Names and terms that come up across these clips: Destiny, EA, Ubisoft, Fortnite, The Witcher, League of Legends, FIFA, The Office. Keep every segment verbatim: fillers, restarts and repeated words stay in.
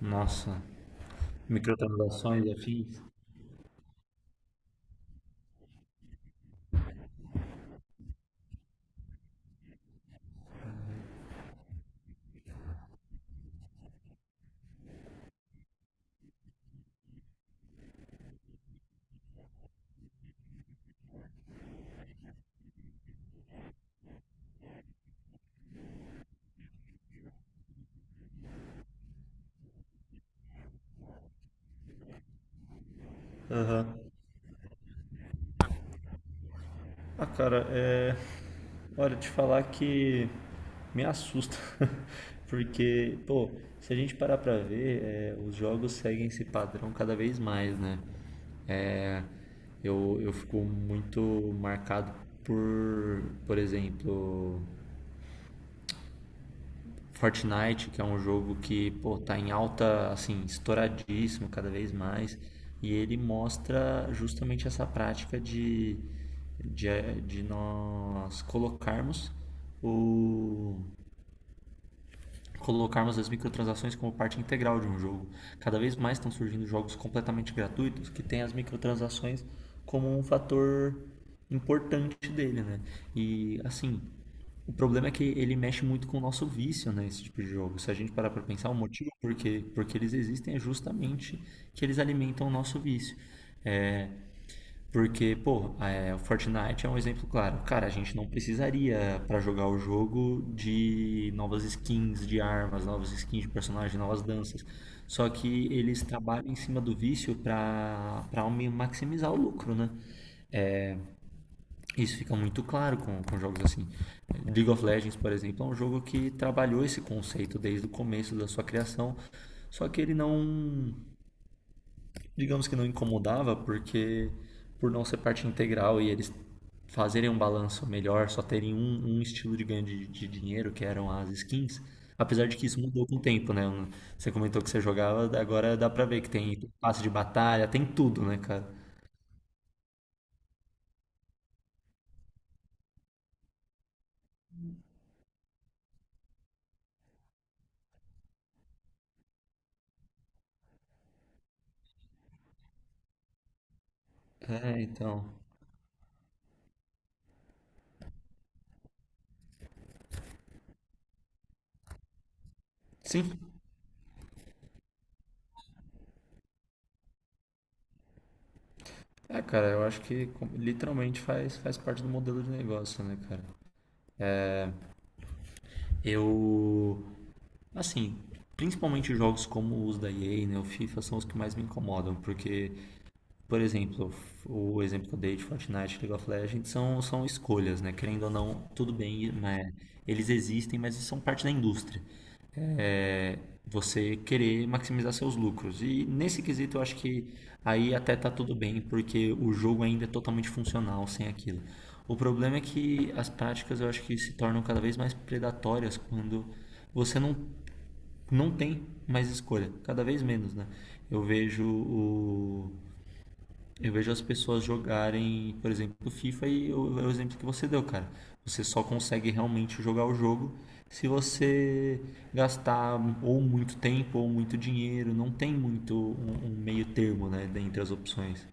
Nossa, microtransações e afins? Aham. Ah, cara, é. Olha, te falar que me assusta, porque, pô, se a gente parar pra ver, é, os jogos seguem esse padrão cada vez mais, né? É, eu, eu fico muito marcado por, por exemplo, Fortnite, que é um jogo que, pô, tá em alta, assim, estouradíssimo cada vez mais, e ele mostra justamente essa prática de, de, de nós colocarmos o, colocarmos as microtransações como parte integral de um jogo. Cada vez mais estão surgindo jogos completamente gratuitos que têm as microtransações como um fator importante dele, né? E assim, o problema é que ele mexe muito com o nosso vício, né, esse tipo de jogo. Se a gente parar para pensar, o motivo por que porque eles existem é justamente que eles alimentam o nosso vício. É, Porque, pô, é, o Fortnite é um exemplo claro. Cara, a gente não precisaria pra jogar o jogo de novas skins de armas, novas skins de personagem, novas danças. Só que eles trabalham em cima do vício pra para maximizar o lucro, né? Isso fica muito claro com, com jogos assim. League of Legends, por exemplo, é um jogo que trabalhou esse conceito desde o começo da sua criação, só que ele não, digamos que não incomodava, porque por não ser parte integral e eles fazerem um balanço melhor, só terem um, um estilo de ganho de, de dinheiro, que eram as skins, apesar de que isso mudou com o tempo, né? Você comentou que você jogava, agora dá pra ver que tem passe de batalha, tem tudo, né, cara? É, então. Sim. É, cara, eu acho que com- literalmente faz, faz parte do modelo de negócio, né, cara? Eu, assim, principalmente jogos como os da E A, né, o FIFA são os que mais me incomodam, porque. Por exemplo, o exemplo que eu dei de Fortnite, League of Legends são, são escolhas, né? Querendo ou não, tudo bem, mas eles existem, mas são parte da indústria. É você querer maximizar seus lucros. E nesse quesito eu acho que aí até tá tudo bem, porque o jogo ainda é totalmente funcional sem aquilo. O problema é que as práticas eu acho que se tornam cada vez mais predatórias quando você não, não tem mais escolha, cada vez menos, né? Eu vejo o eu vejo as pessoas jogarem, por exemplo, FIFA e o, é o exemplo que você deu, cara. Você só consegue realmente jogar o jogo se você gastar ou muito tempo ou muito dinheiro. Não tem muito um, um meio termo, né, dentre as opções.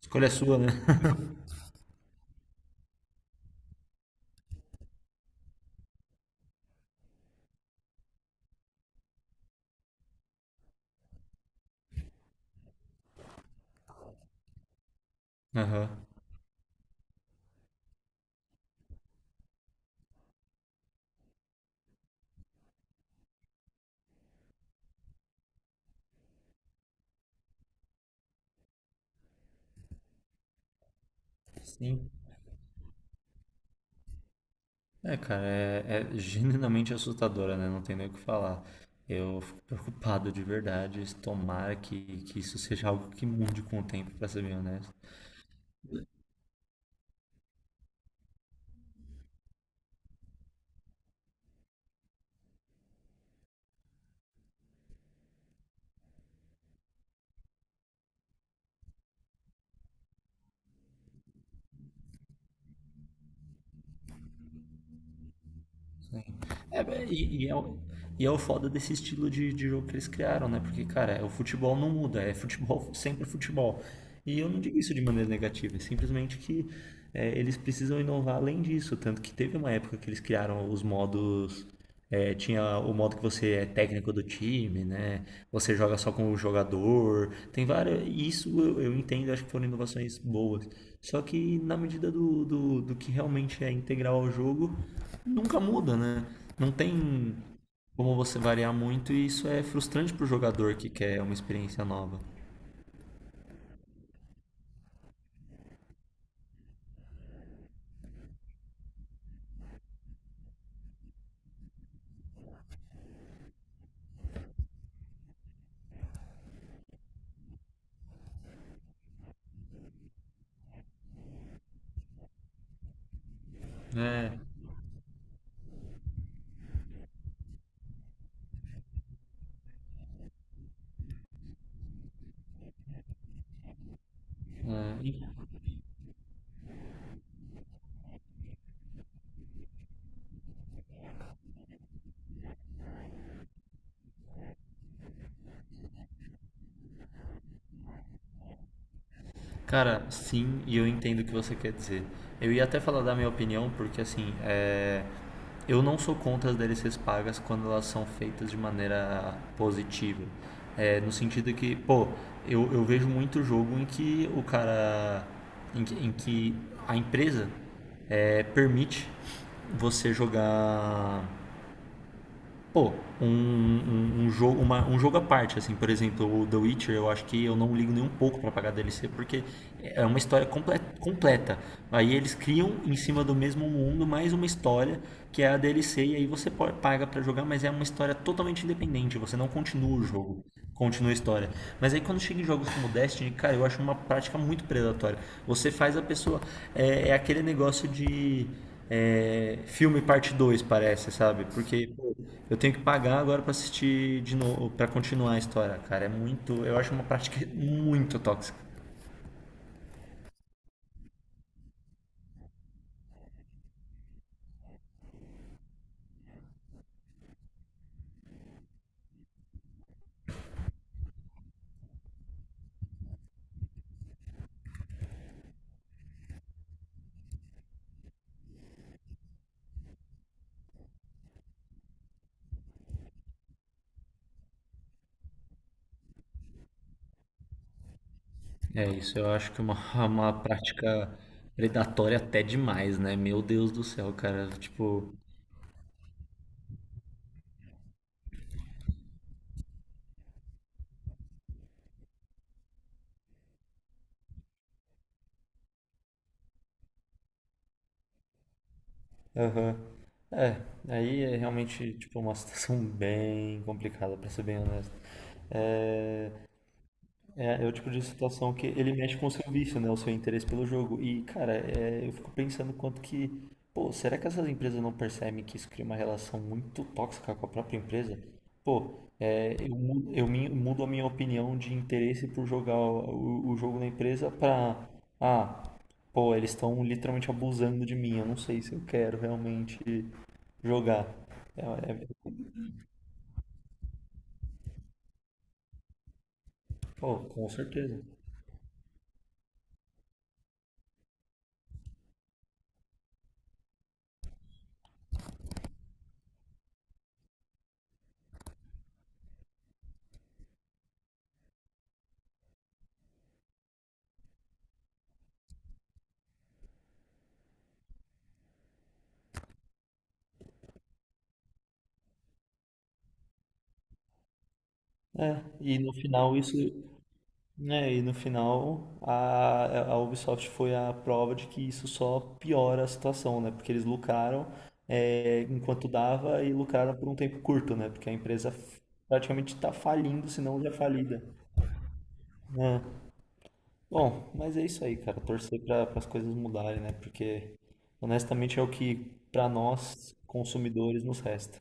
Escolha a sua, né? Aham. Sim. É, cara, é, é genuinamente assustadora, né? Não tem nem o que falar. Eu fico preocupado de verdade. Tomara que, que isso seja algo que mude com o tempo, pra ser bem honesto. É, é, e, e é, o- e é o foda desse estilo de, de jogo que eles criaram, né? Porque, cara, é, o futebol não muda, é futebol, sempre futebol. E eu não digo isso de maneira negativa, é simplesmente que é, eles precisam inovar além disso. Tanto que teve uma época que eles criaram os modos. É, tinha o modo que você é técnico do time, né? Você joga só com o jogador. Tem várias. Isso eu, eu entendo, acho que foram inovações boas. Só que na medida do, do, do que realmente é integral ao jogo, nunca muda, né? Não tem como você variar muito e isso é frustrante pro jogador que quer uma experiência nova. É. É, cara, sim, e eu entendo o que você quer dizer. Eu ia até falar da minha opinião, porque assim, é, eu não sou contra as D L Cs pagas quando elas são feitas de maneira positiva. É, no sentido que, pô, eu, eu vejo muito jogo em que o cara. em que, em que a empresa é, permite você jogar pô, um, um, um jogo, uma, um jogo à parte, assim, por exemplo, o The Witcher, eu acho que eu não ligo nem um pouco pra pagar D L C, porque é uma história comple- completa. Aí eles criam em cima do mesmo mundo mais uma história que é a D L C, e aí você po- paga pra jogar, mas é uma história totalmente independente, você não continua o jogo continua a história. Mas aí quando chega em jogos como Destiny, cara, eu acho uma prática muito predatória. Você faz a pessoa. É, é aquele negócio de. É, filme parte dois parece, sabe? Porque pô, eu tenho que pagar agora pra assistir de novo, pra continuar a história, cara. É muito. Eu acho uma prática muito tóxica. É isso, eu acho que é uma, uma prática predatória até demais, né? Meu Deus do céu, cara. Tipo, aham. É, aí é realmente, tipo, uma situação bem complicada, pra ser bem honesto. É, é, é o tipo de situação que ele mexe com o seu vício, né? O seu interesse pelo jogo. E, cara, é, eu fico pensando quanto que. Pô, será que essas empresas não percebem que isso cria uma relação muito tóxica com a própria empresa? Pô, é, eu, mu- eu mi- mudo a minha opinião de interesse por jogar o, o jogo na empresa pra. Ah, pô, eles estão literalmente abusando de mim. Eu não sei se eu quero realmente jogar. É, é- pô, com certeza. É, e no final isso. Né, e no final a, a Ubisoft foi a prova de que isso só piora a situação, né? Porque eles lucraram é, enquanto dava e lucraram por um tempo curto, né? Porque a empresa f- praticamente está falindo, se não já falida. Né? Bom, mas é isso aí, cara. Torcer para as coisas mudarem, né? Porque honestamente é o que para nós consumidores nos resta.